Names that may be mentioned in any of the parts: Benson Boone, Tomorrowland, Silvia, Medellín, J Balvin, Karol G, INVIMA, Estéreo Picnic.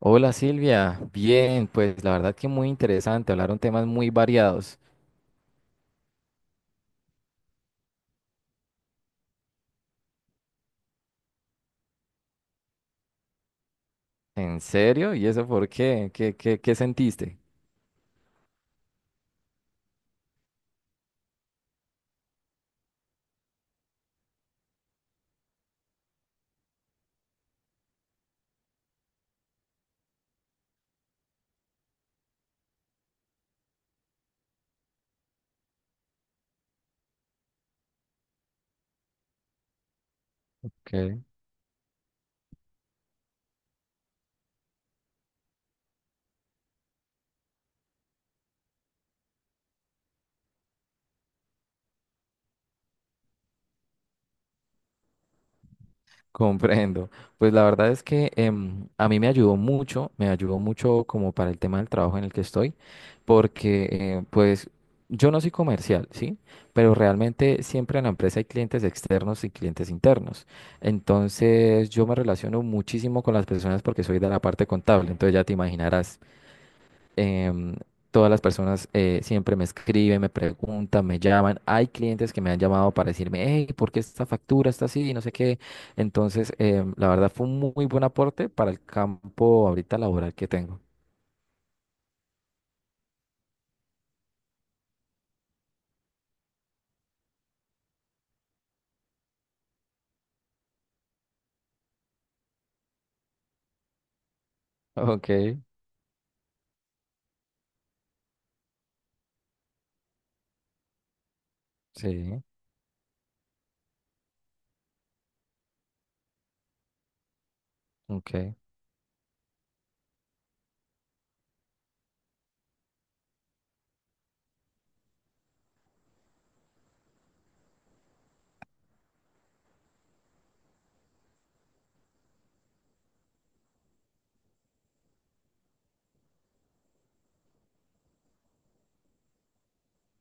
Hola Silvia, bien, pues la verdad que muy interesante, hablaron temas muy variados. ¿En serio? ¿Y eso por qué? ¿Qué sentiste? Ok. Comprendo. Pues la verdad es que a mí me ayudó mucho como para el tema del trabajo en el que estoy, porque pues yo no soy comercial, ¿sí? Pero realmente siempre en la empresa hay clientes externos y clientes internos. Entonces yo me relaciono muchísimo con las personas porque soy de la parte contable, entonces ya te imaginarás. em, Todas las personas siempre me escriben, me preguntan, me llaman. Hay clientes que me han llamado para decirme, hey, ¿por qué esta factura está así? Y no sé qué. Entonces, la verdad fue un muy buen aporte para el campo ahorita laboral que tengo. Ok, sí, ok,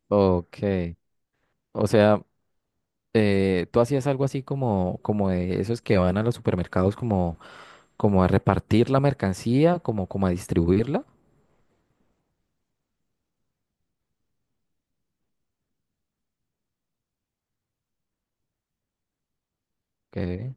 ok. O sea, tú hacías algo así como, como de esos que van a los supermercados como, como a repartir la mercancía, como, como a distribuirla. Ok,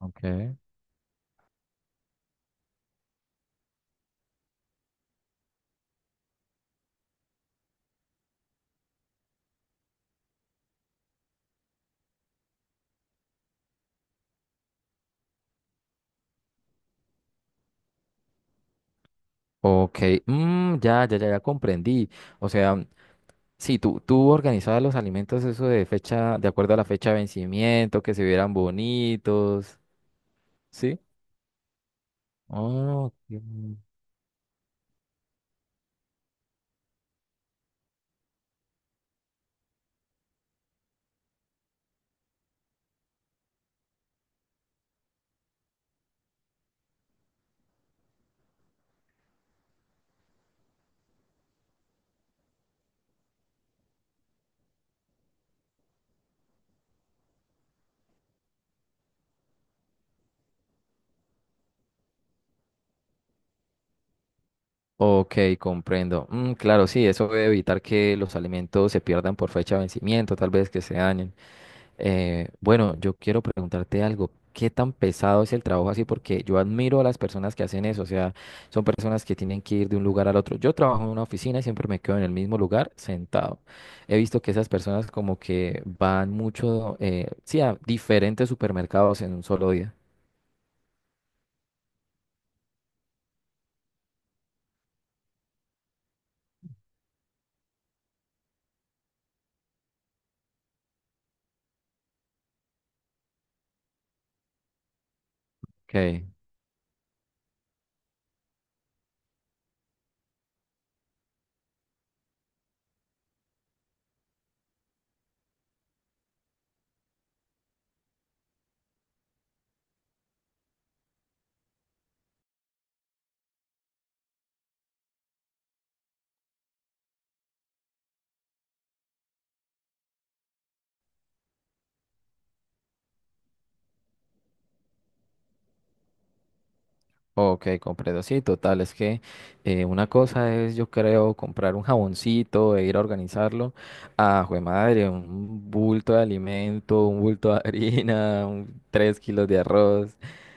ok. Ok, mm, ya, ya, ya, ya comprendí. O sea, sí, tú organizabas los alimentos, eso de fecha, de acuerdo a la fecha de vencimiento, que se vieran bonitos, ¿sí? Oh, ok. Ok, comprendo. Mm, claro, sí, eso debe evitar que los alimentos se pierdan por fecha de vencimiento, tal vez que se dañen. Bueno, yo quiero preguntarte algo. ¿Qué tan pesado es el trabajo así? Porque yo admiro a las personas que hacen eso. O sea, son personas que tienen que ir de un lugar al otro. Yo trabajo en una oficina y siempre me quedo en el mismo lugar sentado. He visto que esas personas como que van mucho, sí, a diferentes supermercados en un solo día. Ok. Ok, comprendo. Sí, total. Es que una cosa es, yo creo, comprar un jaboncito e ir a organizarlo. Ah, jue madre, un bulto de alimento, un bulto de harina, tres kilos de arroz.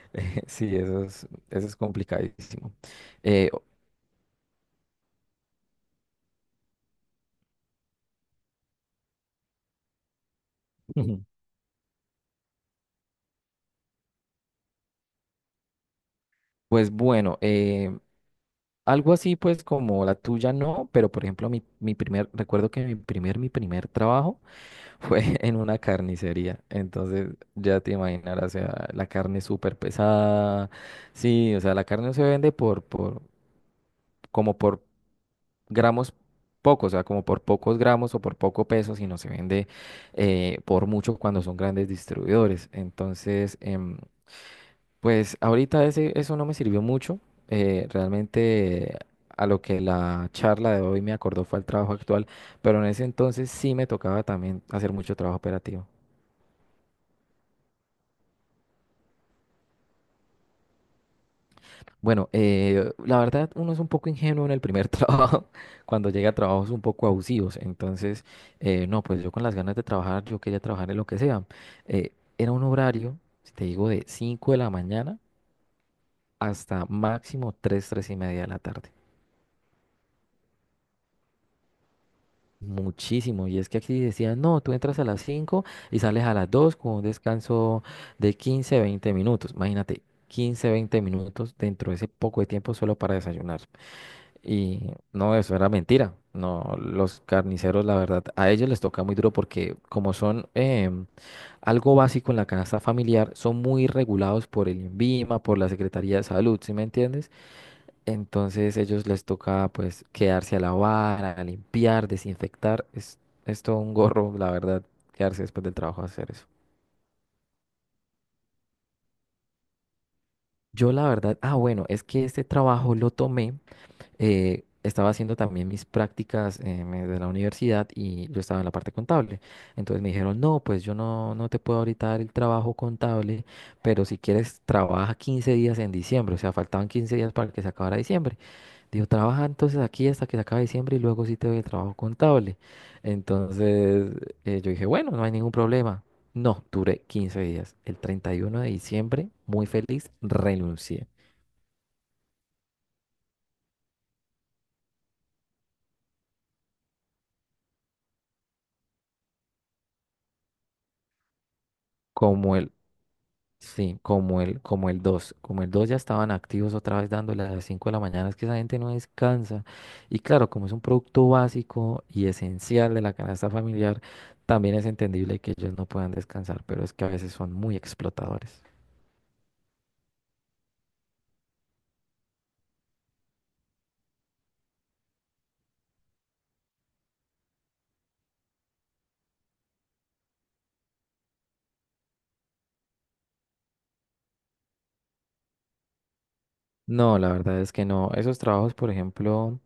Sí, eso es complicadísimo. Eh, Pues bueno, algo así pues como la tuya no, pero por ejemplo recuerdo que mi primer trabajo fue en una carnicería, entonces ya te imaginarás, o sea, la carne súper pesada, sí, o sea, la carne no se vende por, como por gramos pocos, o sea, como por pocos gramos o por poco peso, sino se vende por mucho cuando son grandes distribuidores, entonces pues ahorita eso no me sirvió mucho. Realmente a lo que la charla de hoy me acordó fue al trabajo actual, pero en ese entonces sí me tocaba también hacer mucho trabajo operativo. Bueno, la verdad uno es un poco ingenuo en el primer trabajo, cuando llega a trabajos un poco abusivos. Entonces, no, pues yo con las ganas de trabajar, yo quería trabajar en lo que sea. Eh, Era un horario, si te digo, de 5 de la mañana hasta máximo tres y media de la tarde. Muchísimo, y es que aquí decían, no, tú entras a las 5 y sales a las 2 con un descanso de 15 20 minutos. Imagínate, 15 20 minutos dentro de ese poco de tiempo solo para desayunar. Y no, eso era mentira. No, los carniceros, la verdad, a ellos les toca muy duro porque como son algo básico en la canasta familiar, son muy regulados por el INVIMA, por la Secretaría de Salud, ¿sí me entiendes? Entonces ellos les toca pues quedarse a lavar, a limpiar, desinfectar. Es todo un gorro, la verdad, quedarse después del trabajo a hacer eso. Yo la verdad, ah bueno, es que este trabajo lo tomé, estaba haciendo también mis prácticas de la universidad y yo estaba en la parte contable. Entonces me dijeron, no, pues yo no, no te puedo ahorita dar el trabajo contable, pero si quieres trabaja 15 días en diciembre, o sea, faltaban 15 días para que se acabara diciembre. Digo, trabaja entonces aquí hasta que se acabe diciembre y luego sí te doy el trabajo contable. Entonces, yo dije, bueno, no hay ningún problema. No, duré 15 días. El 31 de diciembre, muy feliz, renuncié. Como el, sí, como el dos. Como el 2 ya estaban activos otra vez dándole a las 5 de la mañana, es que esa gente no descansa. Y claro, como es un producto básico y esencial de la canasta familiar, también es entendible que ellos no puedan descansar, pero es que a veces son muy explotadores. No, la verdad es que no. Esos trabajos, por ejemplo,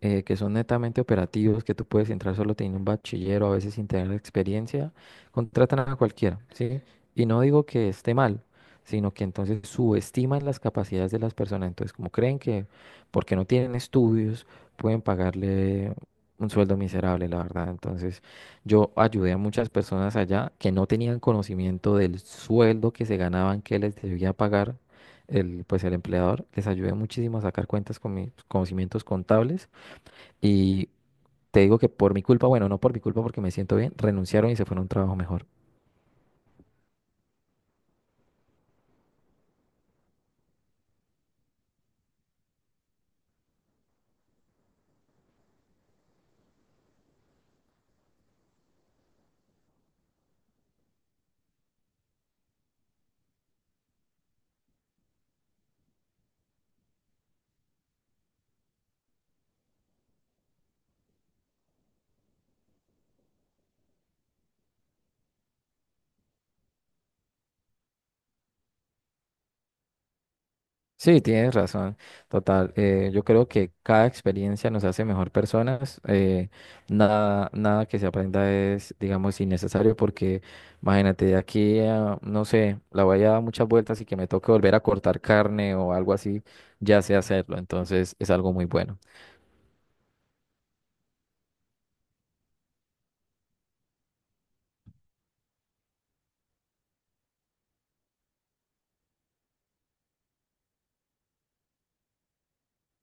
que son netamente operativos, que tú puedes entrar solo teniendo un bachiller o a veces sin tener experiencia, contratan a cualquiera, ¿sí? Y no digo que esté mal, sino que entonces subestiman las capacidades de las personas. Entonces, como creen que porque no tienen estudios, pueden pagarle un sueldo miserable, la verdad. Entonces, yo ayudé a muchas personas allá que no tenían conocimiento del sueldo que se ganaban, que les debía pagar el, pues el empleador, les ayudé muchísimo a sacar cuentas con mis conocimientos contables y te digo que por mi culpa, bueno, no por mi culpa porque me siento bien, renunciaron y se fueron a un trabajo mejor. Sí, tienes razón, total. Yo creo que cada experiencia nos hace mejor personas. Nada que se aprenda es, digamos, innecesario porque imagínate, de aquí a, no sé, la voy a dar muchas vueltas y que me toque volver a cortar carne o algo así, ya sé hacerlo. Entonces es algo muy bueno.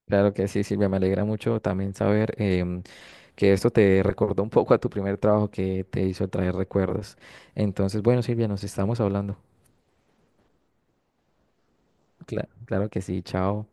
Claro que sí, Silvia, me alegra mucho también saber em, que esto te recordó un poco a tu primer trabajo que te hizo traer recuerdos. Entonces, bueno, Silvia, nos estamos hablando. Claro que sí, chao.